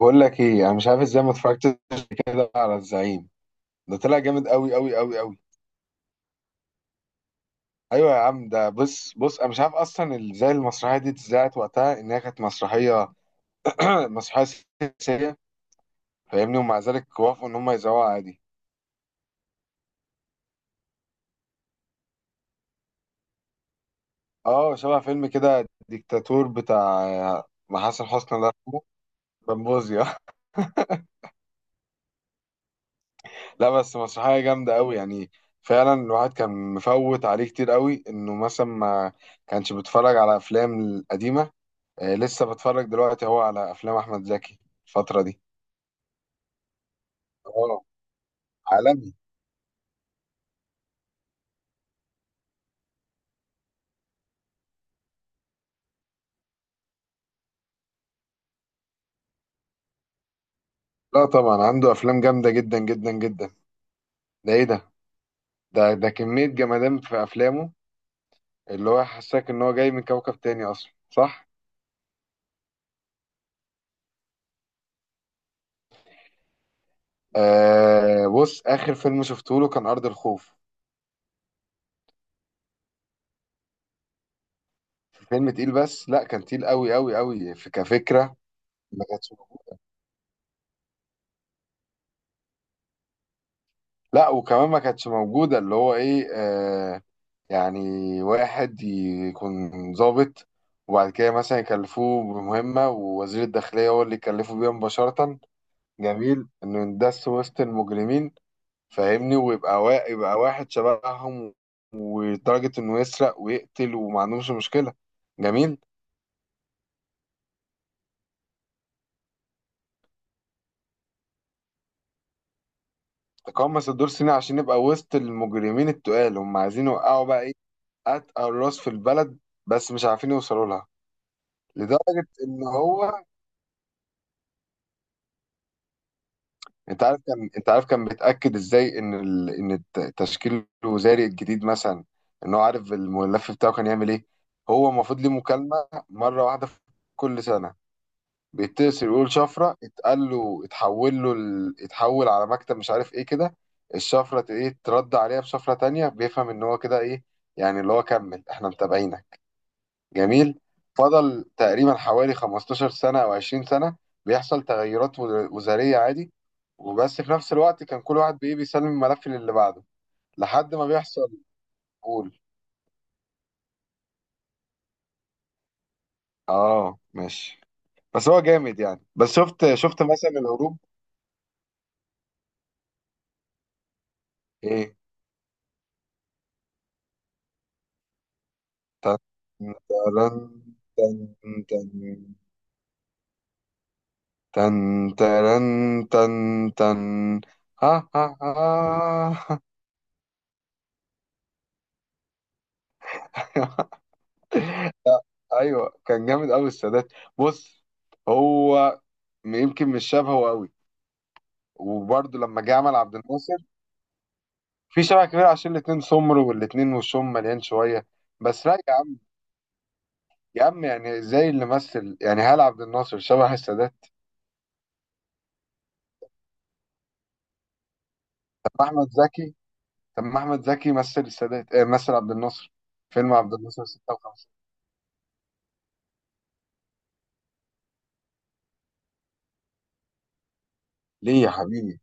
بقول لك ايه، انا مش عارف ازاي ما اتفرجتش كده على الزعيم. ده طلع جامد قوي قوي قوي قوي. ايوه يا عم، ده بص بص، انا مش عارف اصلا ازاي المسرحيه دي اتذاعت وقتها، انها كانت مسرحيه مسرحيه سياسيه، فاهمني، ومع ذلك وافقوا ان هم يذاعوها عادي. اه، شبه فيلم كده ديكتاتور بتاع، مع حسن حسني الله يرحمه، بمبوزيا. لا بس مسرحيه جامده قوي يعني. فعلا الواحد كان مفوت عليه كتير قوي، انه مثلا ما كانش بيتفرج على افلام قديمه. آه، لسه بتفرج دلوقتي هو على افلام احمد زكي الفتره دي. اه. عالمي. لا طبعا عنده افلام جامده جدا جدا جدا. ده ايه ده؟ ده كميه جمدان في افلامه، اللي هو حساك ان هو جاي من كوكب تاني اصلا، صح. آه بص، اخر فيلم شفته له كان ارض الخوف. فيلم تقيل، بس لا، كان تقيل قوي قوي قوي في كفكره. ما كانتش موجودة. لا وكمان ما كانتش موجوده اللي هو ايه، يعني، واحد يكون ضابط، وبعد كده مثلا يكلفوه بمهمة، ووزير الداخلية هو اللي يكلفه بيها مباشرة. جميل، إنه يندس وسط المجرمين، فاهمني، ويبقى يبقى واحد شبههم، ولدرجة إنه يسرق ويقتل وما عندهمش مشكلة. جميل. تقمص الدور سنة عشان يبقى وسط المجرمين التقال، هم عايزين يوقعوا بقى إيه؟ أتقل راس في البلد، بس مش عارفين يوصلوا لها. لدرجة إن هو انت عارف كان بيتاكد ازاي ان التشكيل الوزاري الجديد مثلا، ان هو عارف الملف بتاعه كان يعمل ايه. هو المفروض ليه مكالمه مره واحده في كل سنه، بيتصل يقول شفره، اتقال له، اتحول له اتحول على مكتب، مش عارف ايه كده. الشفره ت- ايه ترد عليها بشفره تانية، بيفهم ان هو كده ايه، يعني اللي هو كمل احنا متابعينك. جميل. فضل تقريبا حوالي 15 سنة أو 20 سنة بيحصل تغيرات وزارية عادي، وبس في نفس الوقت كان كل واحد بإيه بيسلم الملف للي بعده لحد ما بيحصل. قول. اه ماشي. بس هو جامد يعني. بس شفت مثلا الهروب. ايه. تن، ترن، تن، تن، تن، ترن، تن، تن. ها ها ها. ايوه، كان جامد قوي السادات. بص، هو يمكن مش شبهه قوي، وبرده لما جه عمل عبد الناصر. في شبه كبير، عشان الاتنين سمر والاتنين وشهم مليان شويه. بس لا يا عم، يا عم يعني زي اللي مثل يعني، هل عبد الناصر شبه السادات؟ طب احمد زكي، طب ما احمد زكي مثل السادات، آه مثل عبد الناصر. فيلم عبد الناصر 56. ليه يا حبيبي؟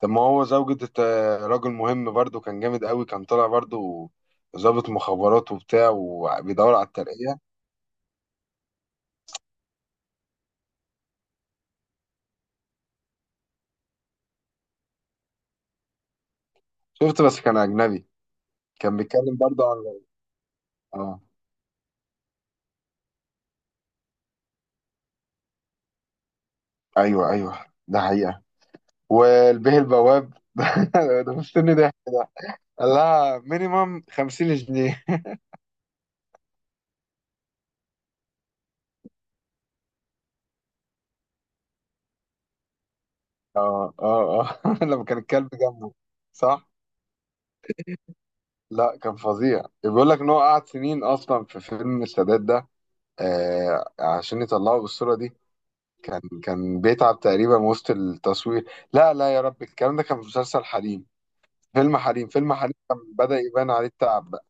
طب ما هو راجل مهم برضه، كان جامد قوي، كان طالع برضه ضابط مخابرات وبتاع وبيدور على الترقية. شفت، بس كان أجنبي. كان بيتكلم برضه عن اه ايوه. ايوه ده حقيقه. والبيه البواب، ده مستني ضحك ده. قال لها مينيمم 50 جنيه. اه، اه، اه، لما كان الكلب جنبه. صح. لا كان فظيع، بيقول لك ان هو قعد سنين اصلا في فيلم السادات ده، آه عشان يطلعه بالصوره دي. كان بيتعب تقريبا وسط التصوير. لا لا، يا رب، الكلام ده كان في مسلسل حريم، فيلم حريم كان بدأ يبان عليه التعب بقى.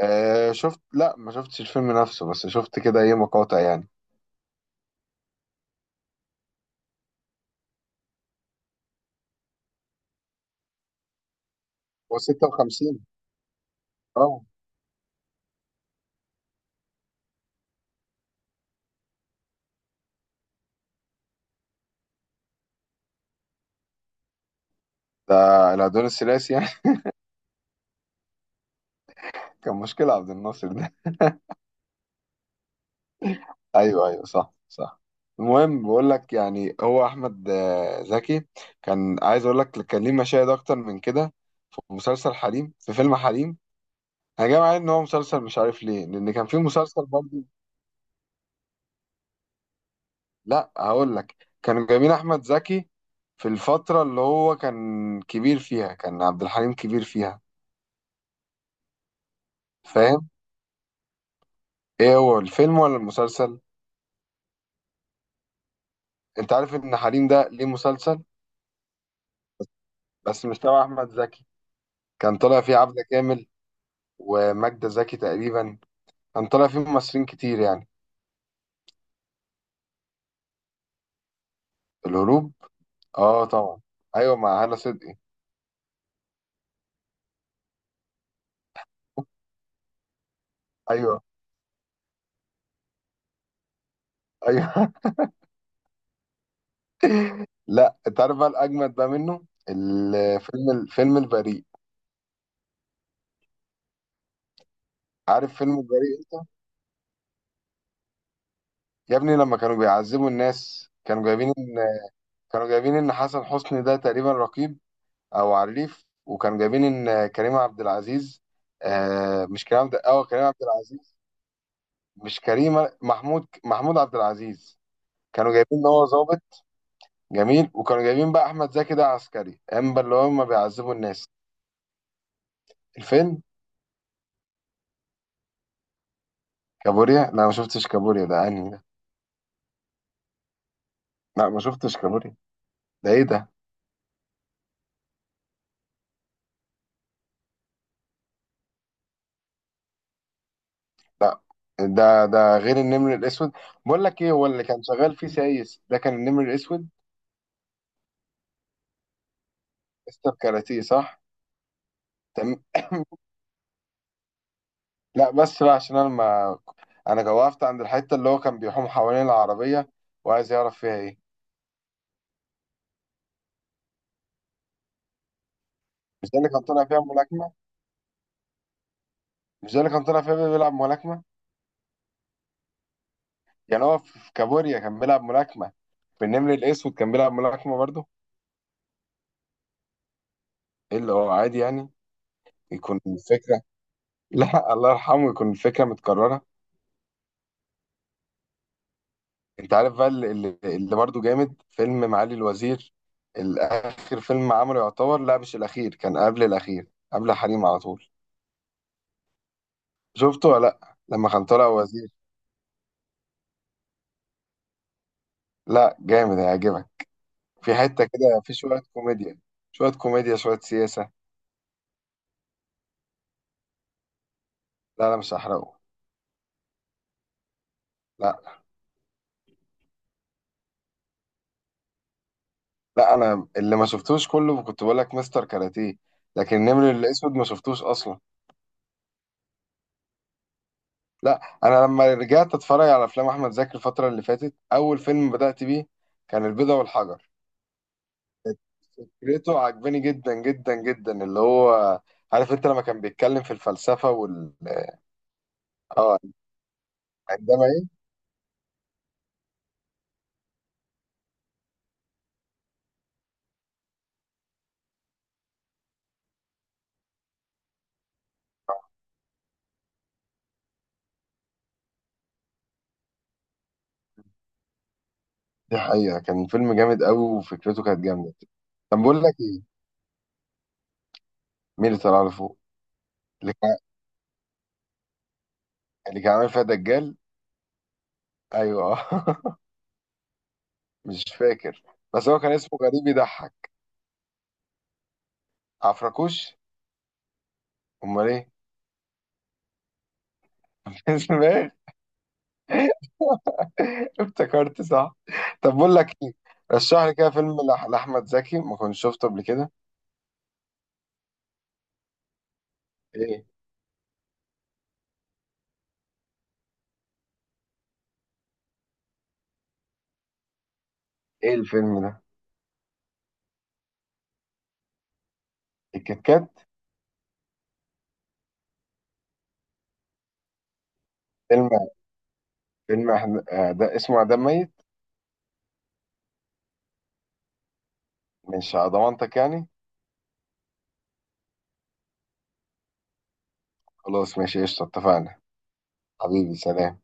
آه شفت، لا ما شفتش الفيلم نفسه، بس شفت كده ايه مقاطع يعني. هو 56. اه ده العدوان الثلاثي يعني. كان مشكلة عبد الناصر ده. ايوه ايوه صح صح. المهم بقول لك، يعني هو احمد زكي، كان عايز اقول لك كان ليه مشاهد اكتر من كده في مسلسل حريم، في فيلم حريم. انا جاي معايا ان هو مسلسل، مش عارف ليه، لان كان في مسلسل برضه. لا هقول لك، كانوا جايبين احمد زكي في الفترة اللي هو كان كبير فيها، كان عبد الحليم كبير فيها. فاهم. ايه هو، الفيلم ولا المسلسل؟ انت عارف ان حريم ده ليه مسلسل، بس مش تبع احمد زكي. كان طالع فيه عبده كامل وماجده زكي تقريبا، كان طالع فيه ممثلين كتير يعني. الهروب؟ اه طبعا، ايوه مع هالة صدقي. ايوه ايوه. لا، انت عارف بقى الاجمد بقى منه؟ الفيلم، البريء. عارف فيلم البريء؟ يا ابني، لما كانوا بيعذبوا الناس، كانوا جايبين ان حسن حسني ده تقريبا رقيب او عريف، وكانوا جايبين ان كريم عبد العزيز، آه مش كريم عبد كريم عبد العزيز، مش كريمه محمود عبد العزيز. كانوا جايبين ان هو ظابط، جميل. وكانوا جايبين بقى احمد زكي ده عسكري امبا اللي هم بيعذبوا الناس. الفيلم كابوريا؟ لا ما شفتش كابوريا ده، انهي ده؟ لا ما شفتش كابوريا. ده ايه ده؟ ده غير النمر الاسود. بقول لك ايه، هو اللي كان شغال فيه سايس ده كان النمر الاسود. مستر كاراتيه، صح. تم... لا بس بقى، عشان انا ما انا وقفت عند الحته اللي هو كان بيحوم حوالين العربيه وعايز يعرف فيها ايه. مش ده اللي كان طالع فيها ملاكمه؟ مش ده اللي كان طالع فيها بيلعب ملاكمة؟ يعني هو في كابوريا كان بيلعب ملاكمة، في النمر الأسود كان بيلعب ملاكمة برضه. ايه اللي هو عادي يعني، يكون الفكرة. لا الله يرحمه، يكون الفكرة متكررة. انت عارف بقى اللي برضه جامد، فيلم معالي الوزير. الآخر فيلم عمله يعتبر، لا مش الأخير، كان قبل الأخير قبل حريم على طول. شفته ولا لا، لما كان طالع وزير؟ لا جامد هيعجبك، في حتة كده، في شوية كوميديا، شوية سياسة. لا لا مش هحرقه. لا، لا انا اللي ما شفتوش كله، كنت بقول لك مستر كاراتيه، لكن النمر الاسود ما شفتوش اصلا. لا انا لما رجعت اتفرج على افلام احمد زكي الفتره اللي فاتت، اول فيلم بدات بيه كان البيضة والحجر. فكرته عجباني جدا جدا جدا، اللي هو، عارف انت لما كان بيتكلم في الفلسفه وال... اه، عندما ايه. دي حقيقه، كان فيلم جامد قوي وفكرته كانت جامده. طب بقول لك ايه، مين اللي طلع لفوق، اللي كان، اللي كان عامل فيها دجال، ايوه. مش فاكر، بس هو كان اسمه غريب يضحك. عفركوش؟ امال ايه؟ اسمه. افتكرت صح. طب بقول لك ايه، رشح لي كده فيلم لاحمد زكي ما كنتش شفته قبل كده. ايه؟ ايه الفيلم ده، الكيت كات؟ فيلم، ده اسمه عدم ميت. مش على ضمانتك يعني. خلاص ماشي، قشطه، اتفقنا. حبيبي سلام.